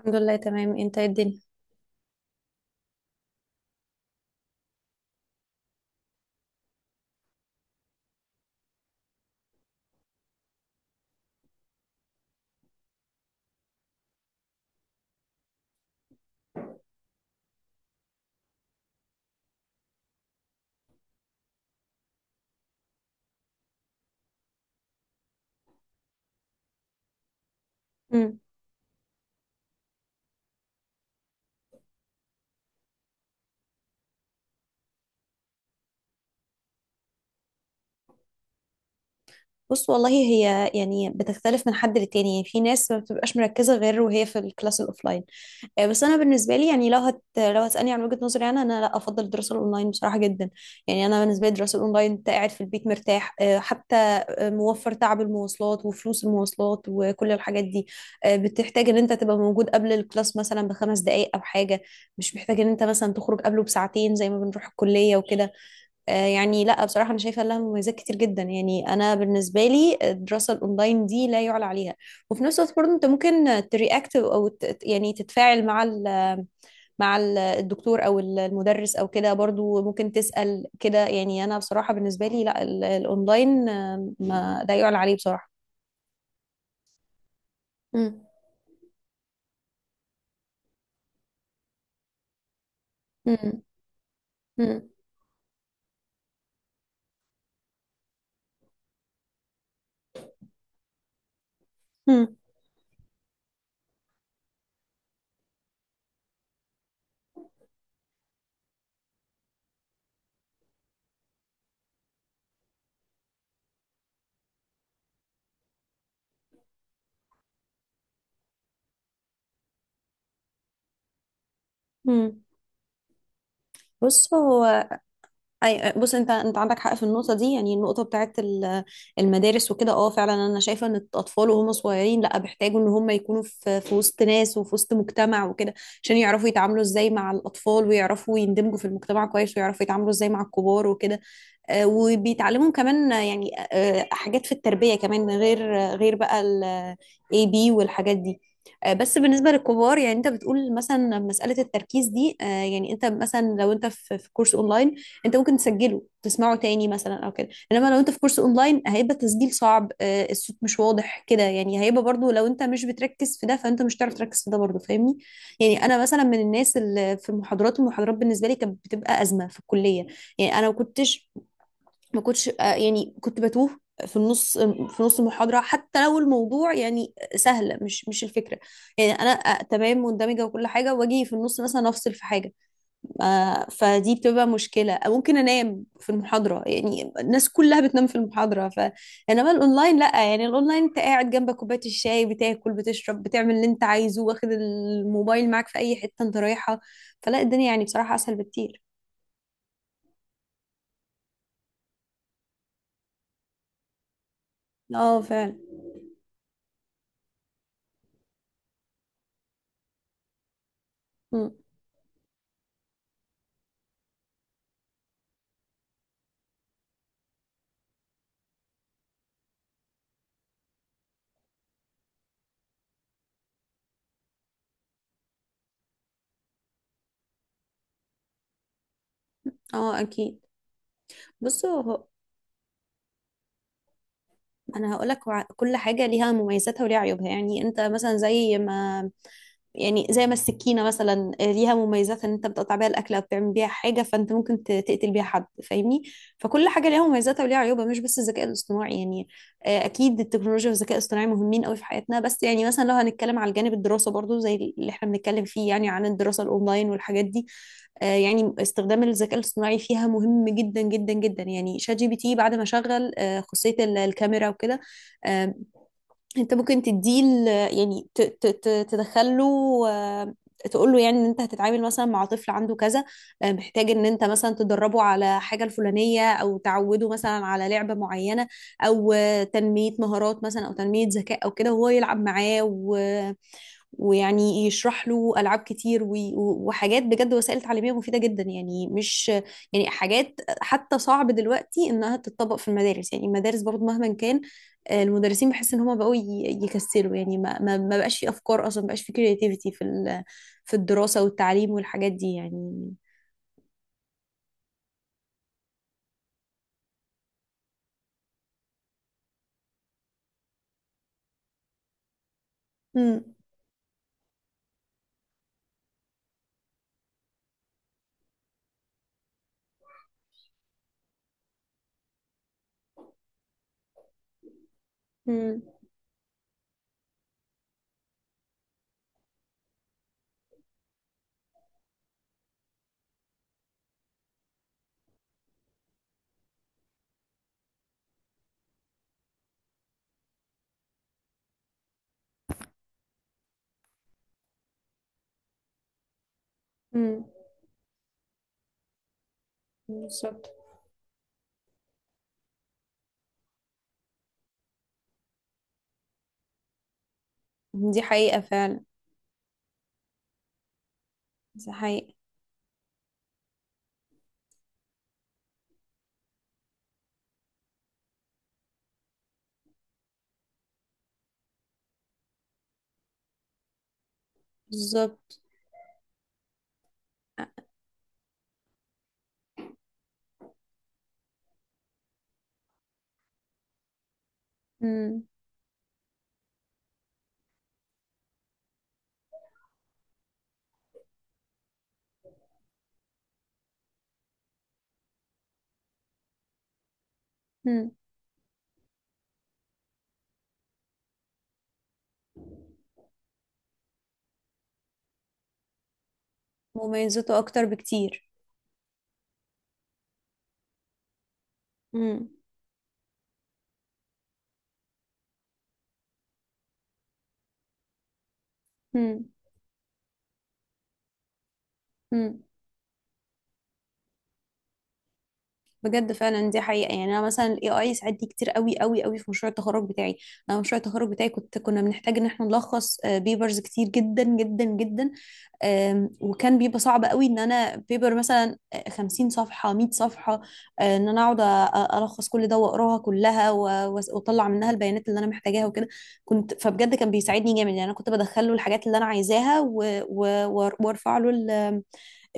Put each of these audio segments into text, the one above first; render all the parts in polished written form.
الحمد لله. تمام. انت ايه الدنيا؟ مم. بص، والله هي يعني بتختلف من حد للتاني. يعني في ناس ما بتبقاش مركزة غير وهي في الكلاس الأوفلاين. بس أنا بالنسبة لي يعني لو هتسألني عن وجهة نظري، أنا لا أفضل الدراسة الأونلاين بصراحة جدا. يعني أنا بالنسبة لي الدراسة الأونلاين أنت قاعد في البيت مرتاح، آه، حتى آه، موفر تعب المواصلات وفلوس المواصلات وكل الحاجات دي. بتحتاج إن أنت تبقى موجود قبل الكلاس مثلا بخمس دقايق أو حاجة. مش محتاج إن أنت مثلا تخرج قبله بساعتين زي ما بنروح الكلية وكده. يعني لا بصراحة أنا شايفة لها مميزات كتير جدا. يعني أنا بالنسبة لي الدراسة الأونلاين دي لا يعلى عليها. وفي نفس الوقت برضه أنت ممكن ترياكت يعني تتفاعل مع الدكتور أو المدرس أو كده. برضه ممكن تسأل كده. يعني أنا بصراحة بالنسبة لي لا، الأونلاين ما لا يعلى عليه بصراحة. مم. مم. مم. مم. مم. بص هو اي، بص، انت عندك حق في النقطه دي. يعني النقطه بتاعت المدارس وكده. اه فعلا. انا شايفه ان الاطفال وهم صغيرين لا، بيحتاجوا ان هم يكونوا في في وسط ناس وفي وسط مجتمع وكده، عشان يعرفوا يتعاملوا ازاي مع الاطفال، ويعرفوا يندمجوا في المجتمع كويس، ويعرفوا يتعاملوا ازاي مع الكبار وكده. وبيتعلموا كمان، حاجات في التربية كمان، غير بقى ال A B والحاجات دي. بس بالنسبة للكبار، يعني انت بتقول مثلا مسألة التركيز دي. يعني انت مثلا لو انت في في كورس اونلاين، انت ممكن تسجله، تسمعه تاني مثلا او كده. انما لو انت في كورس اونلاين، هيبقى تسجيل صعب، الصوت مش واضح كده. يعني هيبقى برضو لو انت مش بتركز في ده، فانت مش هتعرف تركز في ده برضو، فاهمني؟ يعني انا مثلا من الناس اللي في المحاضرات، بالنسبة لي كانت بتبقى أزمة في الكلية. يعني انا ما كنتش، يعني كنت بتوه في نص المحاضرة، حتى لو الموضوع يعني سهل. مش الفكرة. يعني أنا تمام مندمجة وكل حاجة، وأجي في النص مثلا أفصل في حاجة. فدي بتبقى مشكلة، أو ممكن أنام في المحاضرة. يعني الناس كلها بتنام في المحاضرة ف، إنما الأونلاين لأ. يعني الأونلاين أنت قاعد جنبك كوباية الشاي، بتاكل، بتشرب، بتعمل اللي أنت عايزه، واخد الموبايل معاك في أي حتة أنت رايحة. فلا الدنيا يعني بصراحة أسهل بكتير. اه فعلا. مم. اه أكيد. بصوا، انا هقولك كل حاجه ليها مميزاتها وليها عيوبها. يعني انت مثلا زي ما، يعني زي ما السكينه مثلا، ليها مميزات ان انت بتقطع بيها الاكل او بتعمل بيها حاجه، فانت ممكن تقتل بيها حد، فاهمني؟ فكل حاجه ليها مميزاتها وليها عيوبها، مش بس الذكاء الاصطناعي. يعني اكيد التكنولوجيا والذكاء الاصطناعي مهمين قوي في حياتنا. بس يعني مثلا لو هنتكلم على الجانب الدراسه برضو زي اللي احنا بنتكلم فيه، يعني عن الدراسه الاونلاين والحاجات دي، يعني استخدام الذكاء الاصطناعي فيها مهم جدا جدا جدا. يعني شات جي بي تي بعد ما شغل خاصية الكاميرا وكده. آه، انت ممكن تديه تدخله. آه، تقول له يعني ان انت هتتعامل مثلا مع طفل عنده كذا، محتاج ان انت مثلا تدربه على حاجة الفلانية، او تعوده مثلا على لعبة معينة، او تنمية مهارات مثلا، او تنمية ذكاء او كده، وهو يلعب معاه، ويعني يشرح له العاب كتير، وحاجات بجد. وسائل تعليميه مفيده جدا. يعني مش، يعني حاجات حتى صعب دلوقتي انها تتطبق في المدارس. يعني المدارس برضو مهما كان، المدرسين بحس ان هم بقوا يكسلوا. يعني ما بقاش في افكار اصلا، ما بقاش في كرياتيفيتي في الدراسه والتعليم والحاجات دي يعني. امم. امم. امم. بالظبط. دي حقيقه فعلا. دي حقيقه. بالظبط. امم. امم. مميزاته اكتر بكتير. امم. مم. بجد فعلا دي حقيقة. يعني أنا مثلا ال AI ساعدني كتير قوي قوي قوي في مشروع التخرج بتاعي. أنا مشروع التخرج بتاعي كنا بنحتاج إن احنا نلخص بيبرز كتير جدا جدا جدا. وكان بيبقى صعب قوي إن أنا بيبر مثلا 50 صفحة، 100 صفحة. إن أنا أقعد ألخص كل ده وأقراها كلها، وأطلع منها البيانات اللي أنا محتاجاها وكده. كنت فبجد كان بيساعدني جامد. يعني أنا كنت بدخله الحاجات اللي أنا عايزاها، وأرفع له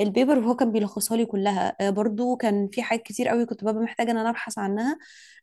البيبر، وهو كان بيلخصها لي كلها. برضو كان في حاجات كتير قوي كنت ببقى محتاجه ان انا ابحث عنها،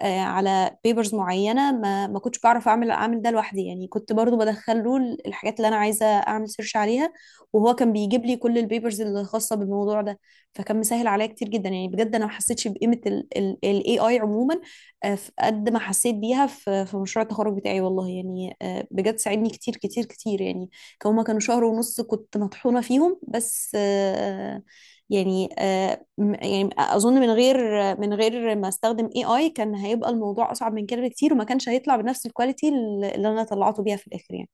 على بيبرز معينه، ما كنتش بعرف اعمل ده لوحدي. يعني كنت برضو بدخل له الحاجات اللي انا عايزه اعمل سيرش عليها، وهو كان بيجيب لي كل البيبرز الخاصه بالموضوع ده. فكان مسهل عليا كتير جدا. يعني بجد انا ما حسيتش بقيمه الاي اي عموما، في قد ما حسيت بيها في في مشروع التخرج بتاعي والله. يعني بجد ساعدني كتير كتير كتير. يعني هما كانوا شهر ونص كنت مطحونة فيهم، بس يعني آه، يعني اظن من غير ما استخدم اي اي، كان هيبقى الموضوع اصعب من كده بكتير، وما كانش هيطلع بنفس الكواليتي اللي انا طلعته بيها في الاخر يعني.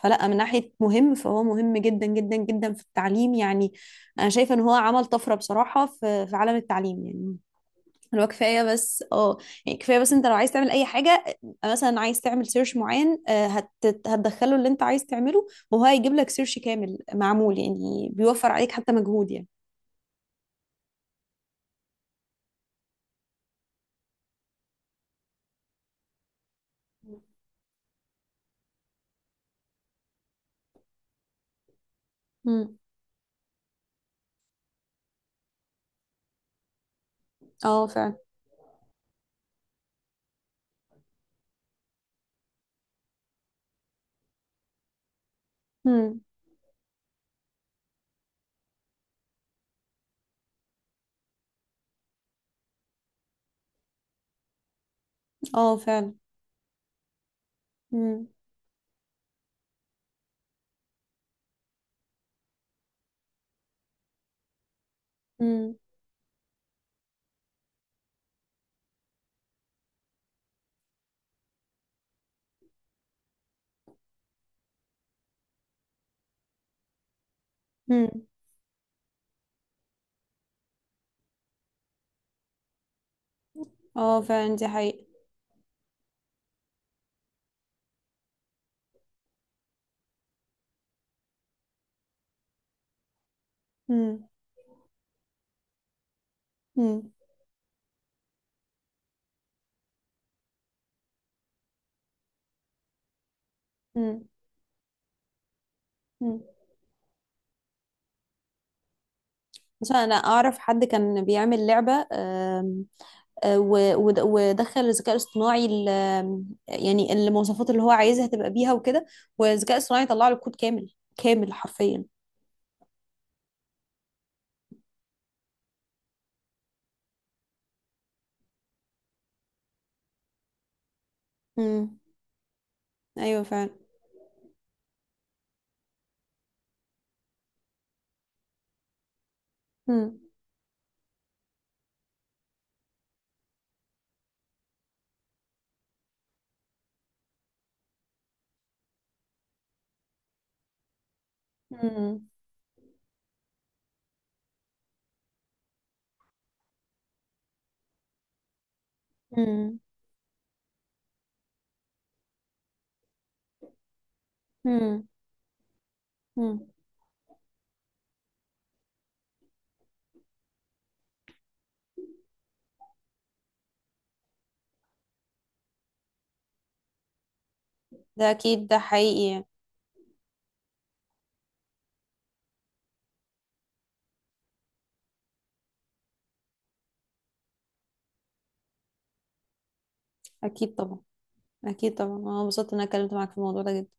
فلا، من ناحية مهم، فهو مهم جدا جدا جدا في التعليم. يعني انا شايفة ان هو عمل طفرة بصراحة في في عالم التعليم. يعني لو كفايه بس اه، يعني كفايه بس انت لو عايز تعمل اي حاجه، مثلا عايز تعمل سيرش معين، آه، هت هتدخله اللي انت عايز تعمله، وهو هيجيب لك سيرش كامل معمول. يعني بيوفر عليك حتى مجهود يعني. امم. اه فعلا. مم. اه فعلا. مم. مم. مم. اه فعلا دي حقيقة. مم. مم. مم. مم. عشان انا اعرف حد كان بيعمل لعبة. آم، آه، و- ود- ودخل الذكاء الاصطناعي ال- آم، يعني المواصفات اللي هو عايزها تبقى بيها وكده. والذكاء الاصطناعي طلع له كود كامل كامل حرفيا. مم. ايوه فعلا. مم. مم. مم. مم. مم. ده اكيد ده حقيقي يعني. اكيد طبعا. اكيد طبعا، انا انبسطت ان انا اتكلمت معاك في الموضوع ده جدا.